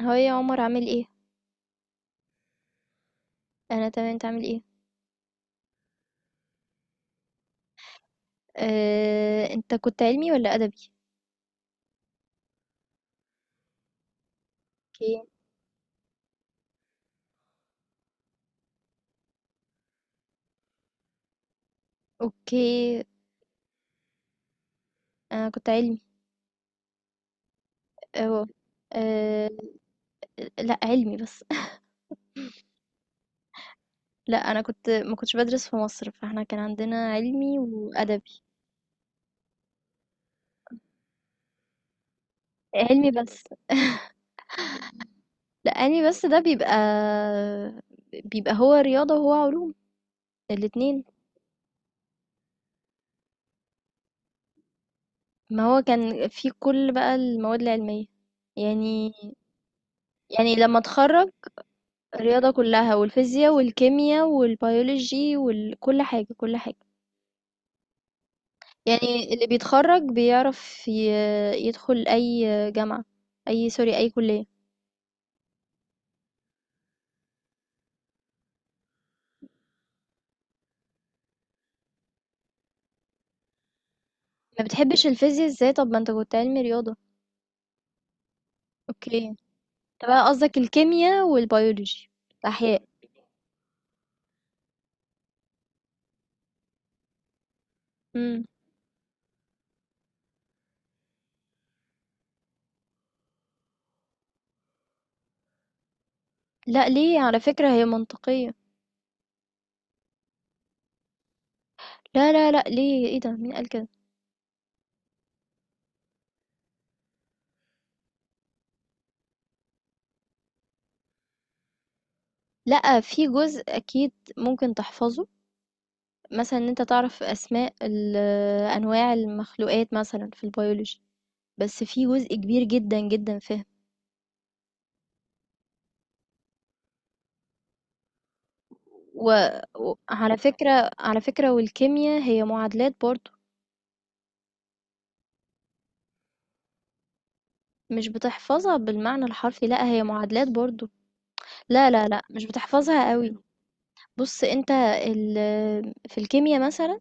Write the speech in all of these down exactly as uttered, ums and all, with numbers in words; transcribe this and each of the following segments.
هو إيه يا عمر؟ عامل ايه؟ انا تمام، انت عامل ايه؟ آه، انت كنت علمي ولا ادبي؟ اوكي. اوكي. انا كنت علمي. اهو. آه. لا، علمي بس. لا، انا كنت ما كنتش بدرس في مصر، فاحنا كان عندنا علمي وادبي. علمي بس. لا، علمي بس ده بيبقى بيبقى هو رياضة وهو علوم. الاتنين. ما هو كان في كل بقى المواد العلمية. يعني يعني لما اتخرج، الرياضة كلها والفيزياء والكيمياء والبيولوجي وكل حاجة، كل حاجة. يعني اللي بيتخرج بيعرف ي- يدخل أي جامعة، أي، سوري، أي كلية. ما بتحبش الفيزياء ازاي؟ طب ما انت كنت علمي رياضة. اوكي، انت بقى قصدك الكيمياء والبيولوجي، الأحياء. مم. لا، ليه؟ على فكرة هي منطقية. لا، لا، لا، ليه؟ ايه ده؟ مين قال كده؟ لا، في جزء أكيد ممكن تحفظه، مثلا ان انت تعرف اسماء ال- انواع المخلوقات مثلا في البيولوجي، بس في جزء كبير جدًا، جدًا فِهم. و وعلى فكرة، على فكرة والكيميا هي معادلات برضه. مش بتحفظها بالمعنى الحرفي، لأ، هي معادلات برضه. لا، لا، لأ، مش بتحفظها أوي. بُص أنت، ال في الكيميا مثلًا،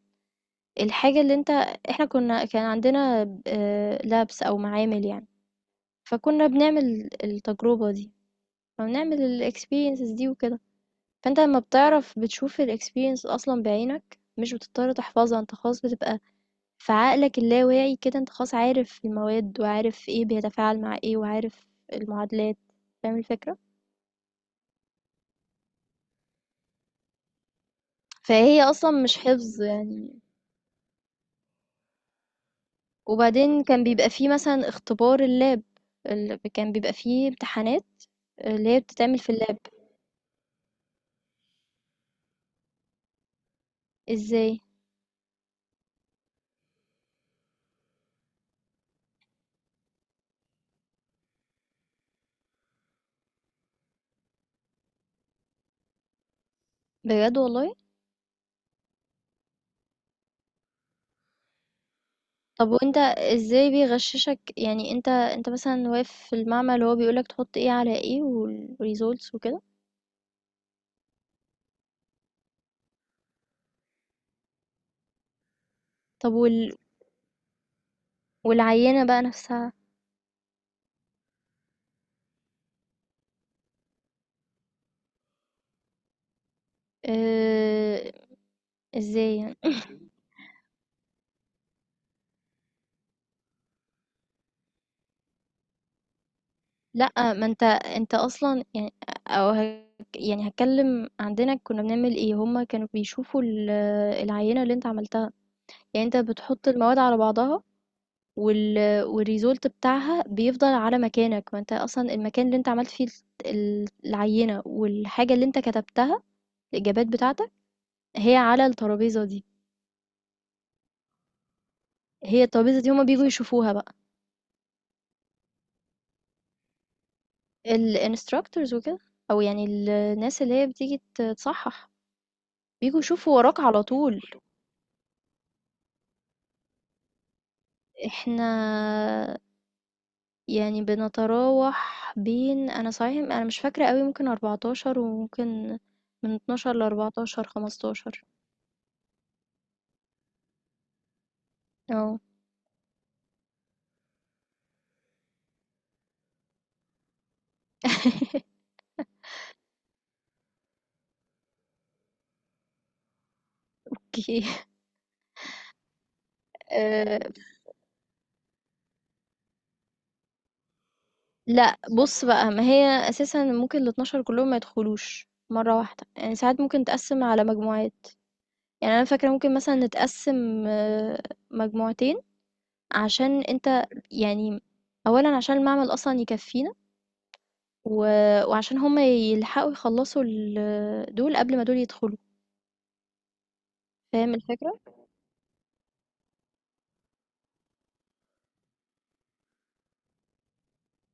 الحاجة اللي أنت، إحنا كنا كان عندنا آآ labs أو معامل يعني. فكنا بنعمل التجربة دي، فبنعمل الexperiences دي وكده. فأنت لمّا بتعرف بتشوف الexperience أصلًا بعينك، مش بتضطر تحفظها، أنت خلاص بتبقى، فعقلك اللاواعي كده أنت خلاص عارف المواد وعارف إيه بيتفاعل مع إيه وعارف المعادلات. فاهم الفكرة؟ فهي أصلا مش حفظ يعني. وبعدين كان بيبقى فيه مثلا اختبار اللاب، ال- كان بيبقى فيه امتحانات اللي هي بتتعمل في اللاب. ازاي؟ بجد والله؟ طب وانت ازاي بيغششك يعني؟ انت انت مثلا واقف في المعمل وهو بيقولك تحط ايه على ايه والريزولتس وكده؟ طب وال... والعينة بقى نفسها؟ اه. ازاي يعني؟ لأ، ما أنت أنت أصلًا يعني، أو هك، يعني هاتكلّم. عندنا كُنّا بنعمل إيه؟ هم كانوا بيشوفوا ال العينة اللي أنت عملتها. يعني أنت بتحُط المواد على بعضها، وال والresult بتاعها بيفضل على مكانك. ما أنت أصلًا المكان اللي أنت عملت فيه الس ال العينة، والحاجة اللي أنت كتبتها، الإجابات بتاعتك، هي على الترابيزة دي. هي الترابيزة دي هم بييجوا يشوفوها بقى، الinstructors وكده، أو يعني ال الناس اللي هي بتيجي ت تصحّح، بييجوا يشوفوا وراك على طول. إحنا يعني بنتراوح بين، أنا صحيح أنا مش فاكرة أوي، ممكن أربعة عشر وممكن من اتناشر ل14، خمستاشر. آه. أوكي. آآ لأ، بُص بقى، ما هي أساسًا ممكن الاتناشر كلّهم ما يدخلوش مرّة واحدة. يعني ساعات ممكن نتقسّم على مجموعات، يعني أنا فاكرة ممكن مثلًا نتقسّم آه، مجموعتين، عشان أنت يعني، أولًا عشان المعمل أصلًا يكفّينا، و وعشان هم يلحقوا يخلصوا ال دول قبل ما دول يدخلوا. فاهم الفكرة؟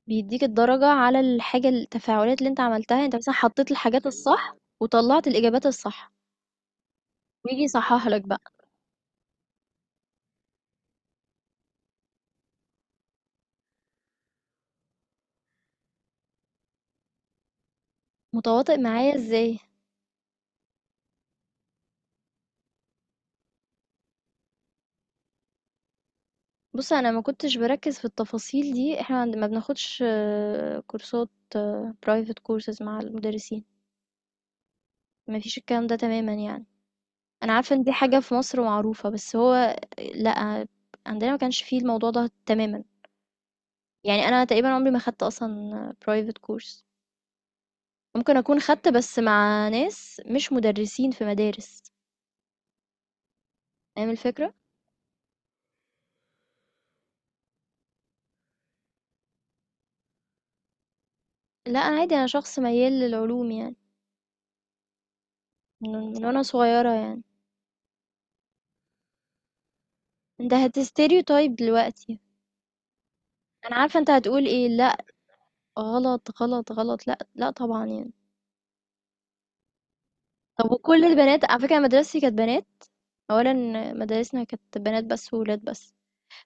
بيدّيك الدرجة على الحاجة، التفاعلات اللي أنت عملتها، أنت مثلًا حطيت الحاجات الصح وطلّعت الإجابات الصح، وييجي يصحح لك بقى. متواطئ معايا إزاي؟ بُص، أنا ما كنتش باركّز في التفاصيل دي. إحنا عند، ما بناخدش آه، كورسات، private courses مع المدرسين، ما فيش الكلام ده تمامًا يعني. أنا عارفة إن دي حاجة في مصر معروفة، بس هو لأ، عندنا ما كانش في الموضوع ده تمامًا. يعني انا تقريبا عمري ما خدت اصلا برايفت كورس، ممكن اكون خدت بس مع ناس مش مدرسين في مدارس. فاهم الفكرة؟ لا، انا عادي، انا شخص ميال للعلوم يعني، من من وانا صغيرة يعني. انت هتستيريوتايب دلوقتي! انا عارفة انت هتقول ايه. لا، غلط، غلط، غلط، لا، لا، طبعا يعني. طب وكل البنات، على فكرة أنا مدرستي كانت بنات، اولا مدارسنا كانت بنات بس وولاد بس.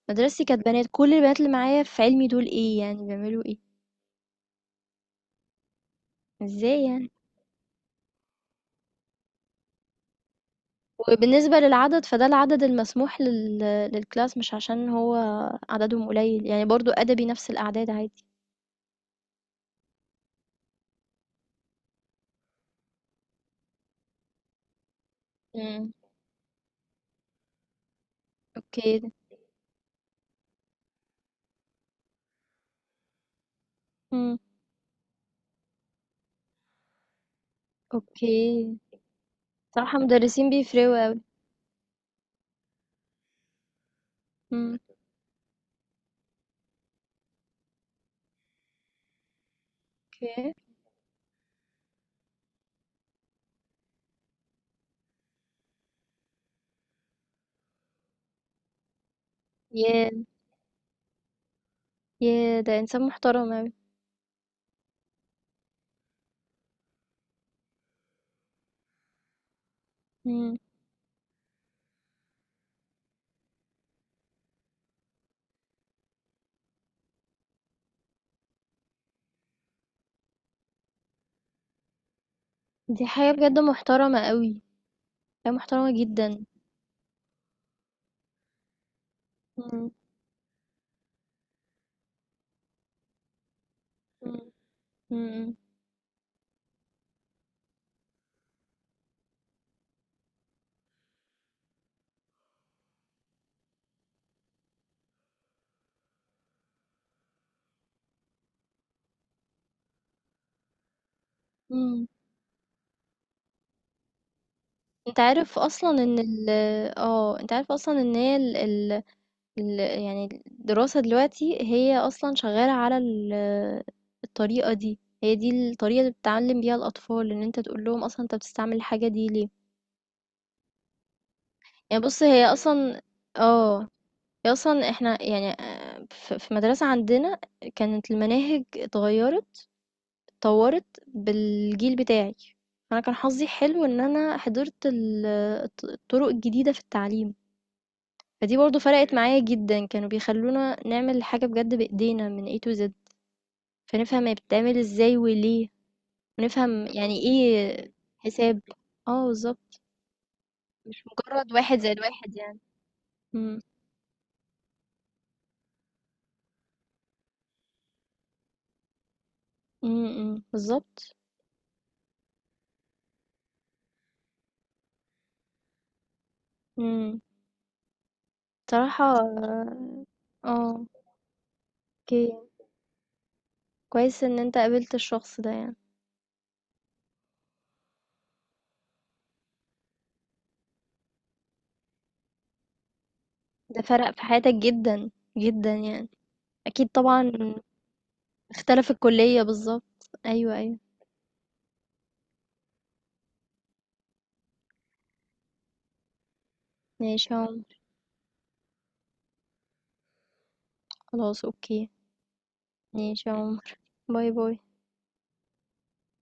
مدرستي كانت بنات. كل البنات اللي معايا في علمي دول ايه يعني؟ بيعملوا ايه؟ ازاي يعني؟ وبالنسبة للعدد، فده العدد المسموح لل، للclass، مش عشان هو عددهم قليل، يعني برضه أدبي نفس الأعداد عادي. إمم، أوكي. إمم، أوكي. بصراحة مدرسين بيفرقوا أوي. إمم، أوكي. ياه! ياه! ده إنسان محترم أوي. إمم. دي حاجة بجد محترمة أوي، حاجة محترمة جدًا. إمم، إمم، إمم، إمم. أنت عارف أصلًا إن ال آه، أنت عارف أصلًا إن هي ال ال ال يعني الدراسة دلوقتي هي أصلا شغالة على ال الطريقة دي. هي دي الطريقة اللي بتتعلم بيها الأطفال، إن أنت تقول لهم أصلا أنت بتستعمل الحاجة دي ليه. يعني بص هي أصلا، اه، هي أصلا احنا يعني آه، ف- في مدرسة عندنا كانت المناهج اتغيرت، اتطورت بالجيل بتاعي. فأنا كان حظي حلو إن أنا حضرت ال- الط- الطرق الجديدة في التعليم، فدي برضو فرقت معايا جدا. كانوا بيخلونا نعمل حاجة بجد بإيدينا من A to Z، فنفهم هي بتتعمل إزاي وليه، ونفهم يعني إيه حساب. آه، بالضبط، مش مجرّد واحد زائد واحد يعني. إمم، إمم، إمم، بالضبط، إمم. بصراحة آه، آه، أوكي، كويس إن أنت قابلت الشخص ده يعني. ده فرَق في حياتك جدًا، جدًا يعني. أكيد طبعًا، اختلف الكلية بالضبط، أيوه، أيوه. ماشي يا عمر، خلاص أوكي. ماشي يا عمر. باي، باي.